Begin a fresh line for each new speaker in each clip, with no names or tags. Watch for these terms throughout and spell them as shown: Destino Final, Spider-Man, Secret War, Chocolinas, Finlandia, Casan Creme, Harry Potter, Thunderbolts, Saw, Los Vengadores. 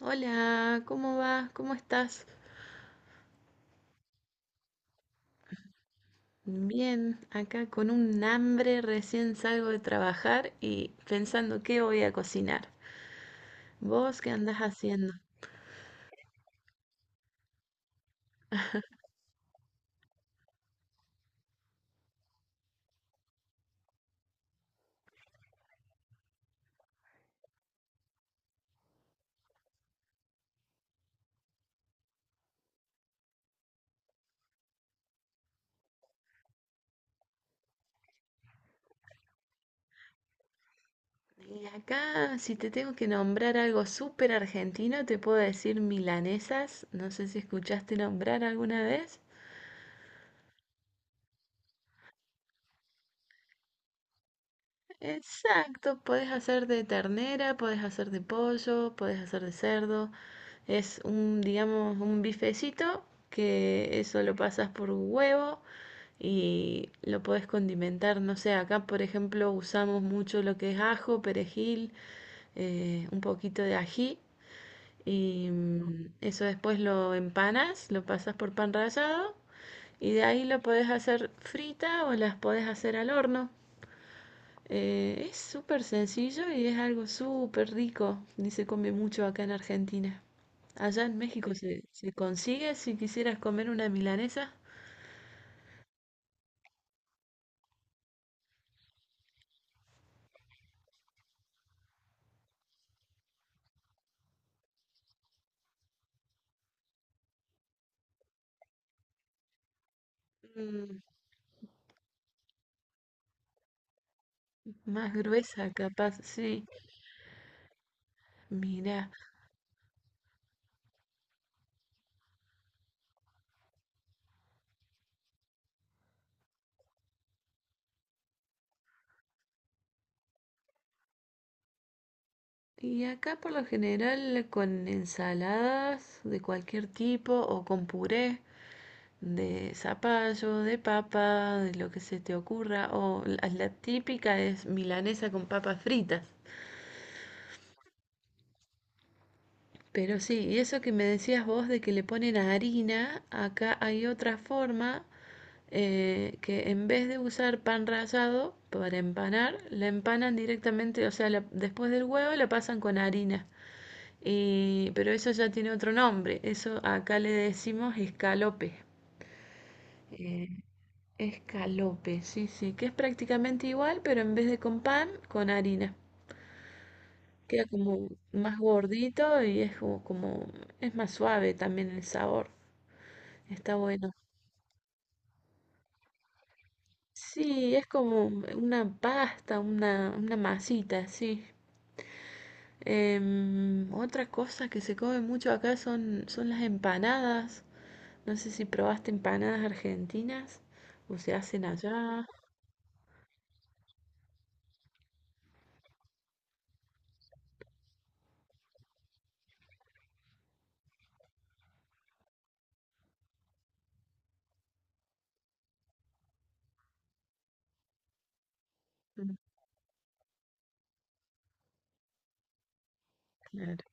Hola, ¿cómo vas? ¿Cómo estás? Bien, acá con un hambre, recién salgo de trabajar y pensando qué voy a cocinar. ¿Vos qué andás haciendo? Y acá, si te tengo que nombrar algo súper argentino, te puedo decir milanesas. No sé si escuchaste nombrar alguna vez. Exacto, podés hacer de ternera, podés hacer de pollo, podés hacer de cerdo. Es un, digamos, un bifecito que eso lo pasas por huevo y lo podés condimentar, no sé, acá por ejemplo usamos mucho lo que es ajo, perejil, un poquito de ají y eso después lo empanas, lo pasas por pan rallado y de ahí lo podés hacer frita o las podés hacer al horno. Es súper sencillo y es algo súper rico y se come mucho acá en Argentina. Allá en México se consigue si quisieras comer una milanesa. Mm, más gruesa, capaz, sí. Mira, y acá por lo general con ensaladas de cualquier tipo o con puré de zapallo, de papa, de lo que se te ocurra, o la típica es milanesa con papas fritas. Pero sí, y eso que me decías vos de que le ponen harina, acá hay otra forma que en vez de usar pan rallado para empanar, la empanan directamente, o sea, después del huevo la pasan con harina. Pero eso ya tiene otro nombre. Eso acá le decimos escalope. Eh, Escalope, sí, sí, que es prácticamente igual, pero en vez de con pan, con harina. Queda como más gordito y es como es más suave también el sabor. Está bueno. Sí, es como una pasta, una masita, sí. Otra cosa que se come mucho acá son las empanadas. No sé si probaste empanadas argentinas o se hacen allá. Mm, claro.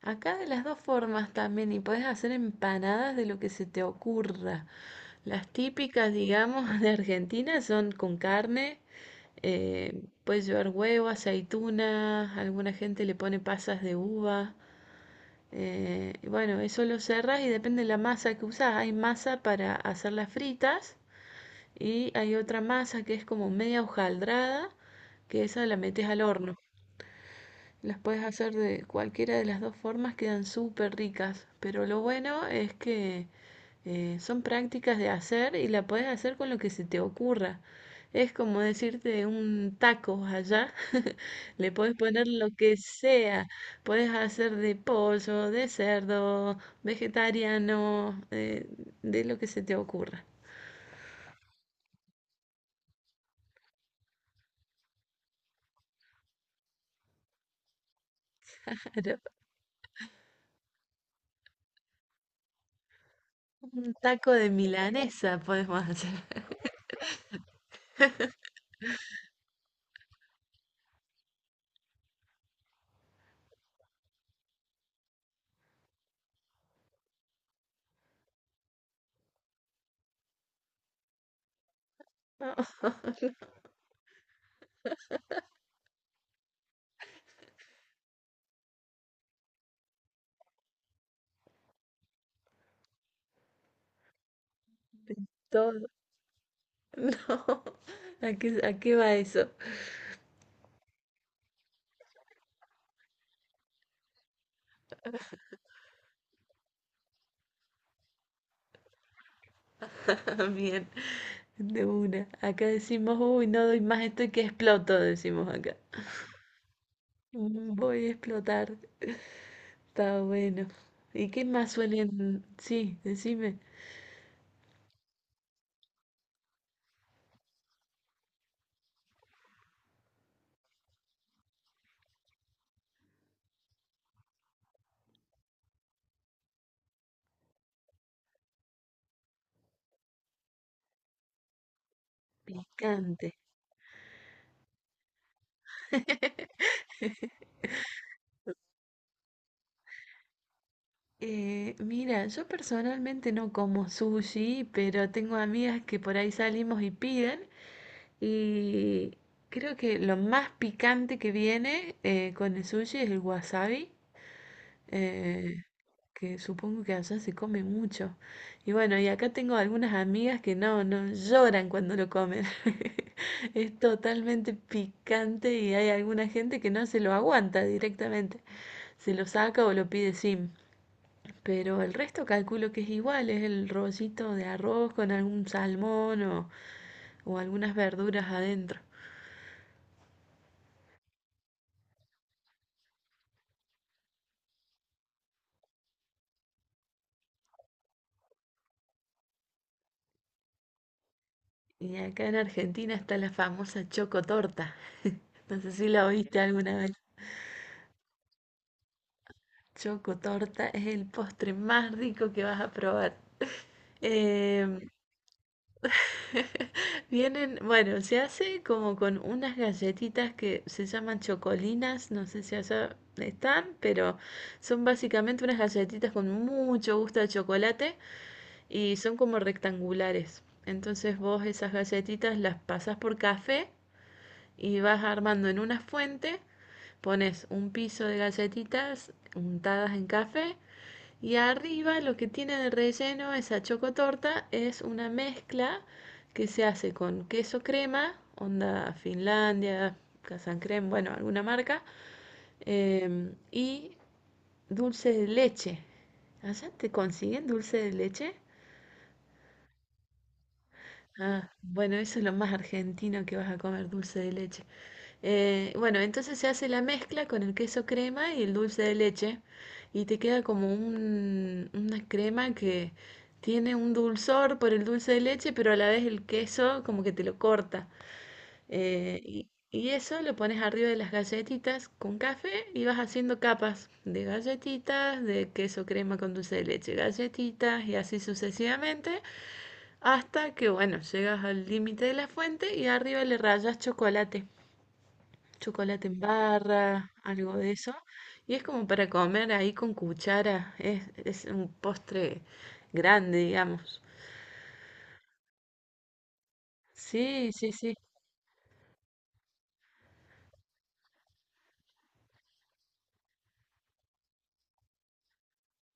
Acá de las dos formas también, y podés hacer empanadas de lo que se te ocurra. Las típicas, digamos, de Argentina son con carne, puedes llevar huevo, aceituna, alguna gente le pone pasas de uva. Y bueno, eso lo cerrás y depende de la masa que usás. Hay masa para hacer las fritas y hay otra masa que es como media hojaldrada, que esa la metes al horno. Las puedes hacer de cualquiera de las dos formas, quedan súper ricas. Pero lo bueno es que son prácticas de hacer y la puedes hacer con lo que se te ocurra. Es como decirte un taco allá, le puedes poner lo que sea. Puedes hacer de pollo, de cerdo, vegetariano, de lo que se te ocurra. Un taco de milanesa podemos hacer. No, de todo. No. A qué va eso? Bien, de una. Acá decimos, uy, no doy más, estoy que exploto, decimos acá. Mm, voy a explotar. Está bueno. ¿Y qué más suelen? Sí, decime. Picante. Mira, yo personalmente no como sushi, pero tengo amigas que por ahí salimos y piden. Y creo que lo más picante que viene con el sushi es el wasabi, eh, que supongo que allá se come mucho. Y bueno, y acá tengo algunas amigas que no lloran cuando lo comen. Es totalmente picante y hay alguna gente que no se lo aguanta directamente. Se lo saca o lo pide sin. Pero el resto calculo que es igual, es el rollito de arroz con algún salmón o algunas verduras adentro. Y acá en Argentina está la famosa chocotorta. No sé si la oíste alguna vez. Chocotorta es el postre más rico que vas a probar. Em, Vienen, bueno, se hace como con unas galletitas que se llaman chocolinas, no sé si allá están, pero son básicamente unas galletitas con mucho gusto de chocolate y son como rectangulares. Entonces vos esas galletitas las pasas por café y vas armando en una fuente, pones un piso de galletitas untadas en café y arriba lo que tiene de relleno esa chocotorta es una mezcla que se hace con queso crema, onda Finlandia, Casan Creme, bueno, alguna marca, y dulce de leche. ¿Allá te consiguen dulce de leche? Ah, bueno, eso es lo más argentino que vas a comer, dulce de leche. Bueno, entonces se hace la mezcla con el queso crema y el dulce de leche y te queda como una crema que tiene un dulzor por el dulce de leche, pero a la vez el queso como que te lo corta. Y eso lo pones arriba de las galletitas con café y vas haciendo capas de galletitas, de queso crema con dulce de leche, galletitas y así sucesivamente. Hasta que, bueno, llegas al límite de la fuente y arriba le rayas chocolate, chocolate en barra, algo de eso. Y es como para comer ahí con cuchara. Es un postre grande, digamos. Sí, sí, sí.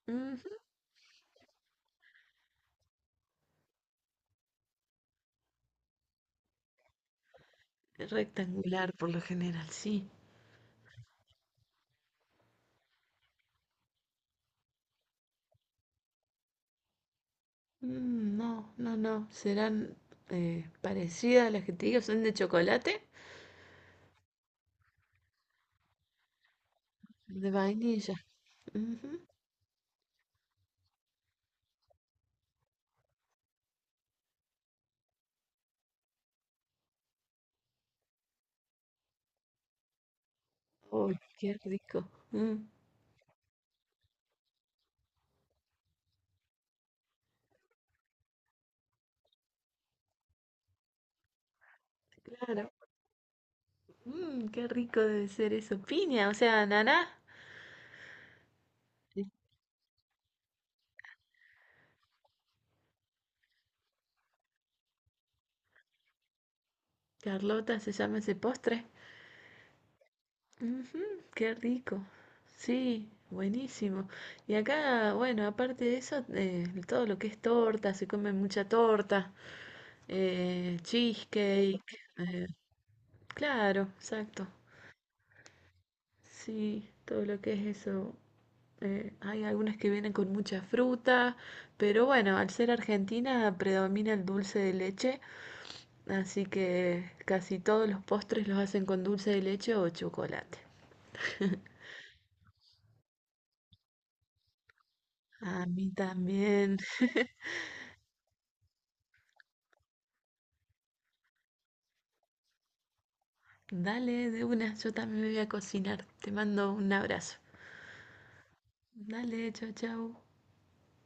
Ujú. Rectangular por lo general, sí. Mm, no, no, no. Serán parecidas a las que te digo. Son de chocolate, de vainilla. Ujú. Uy, qué rico. Mm, claro. Mmm, qué rico debe ser eso. Piña, o sea, naná. Sí. Carlota se llama ese postre. Ujú, qué rico. Sí, buenísimo. Y acá, bueno, aparte de eso, todo lo que es torta, se come mucha torta, cheesecake. eh, claro, exacto. Sí, todo lo que es eso. Hay algunas que vienen con mucha fruta, pero bueno, al ser Argentina predomina el dulce de leche. Así que casi todos los postres los hacen con dulce de leche o chocolate. A mí también. Dale, de una, yo también me voy a cocinar. Te mando un abrazo. Dale, chau, chau.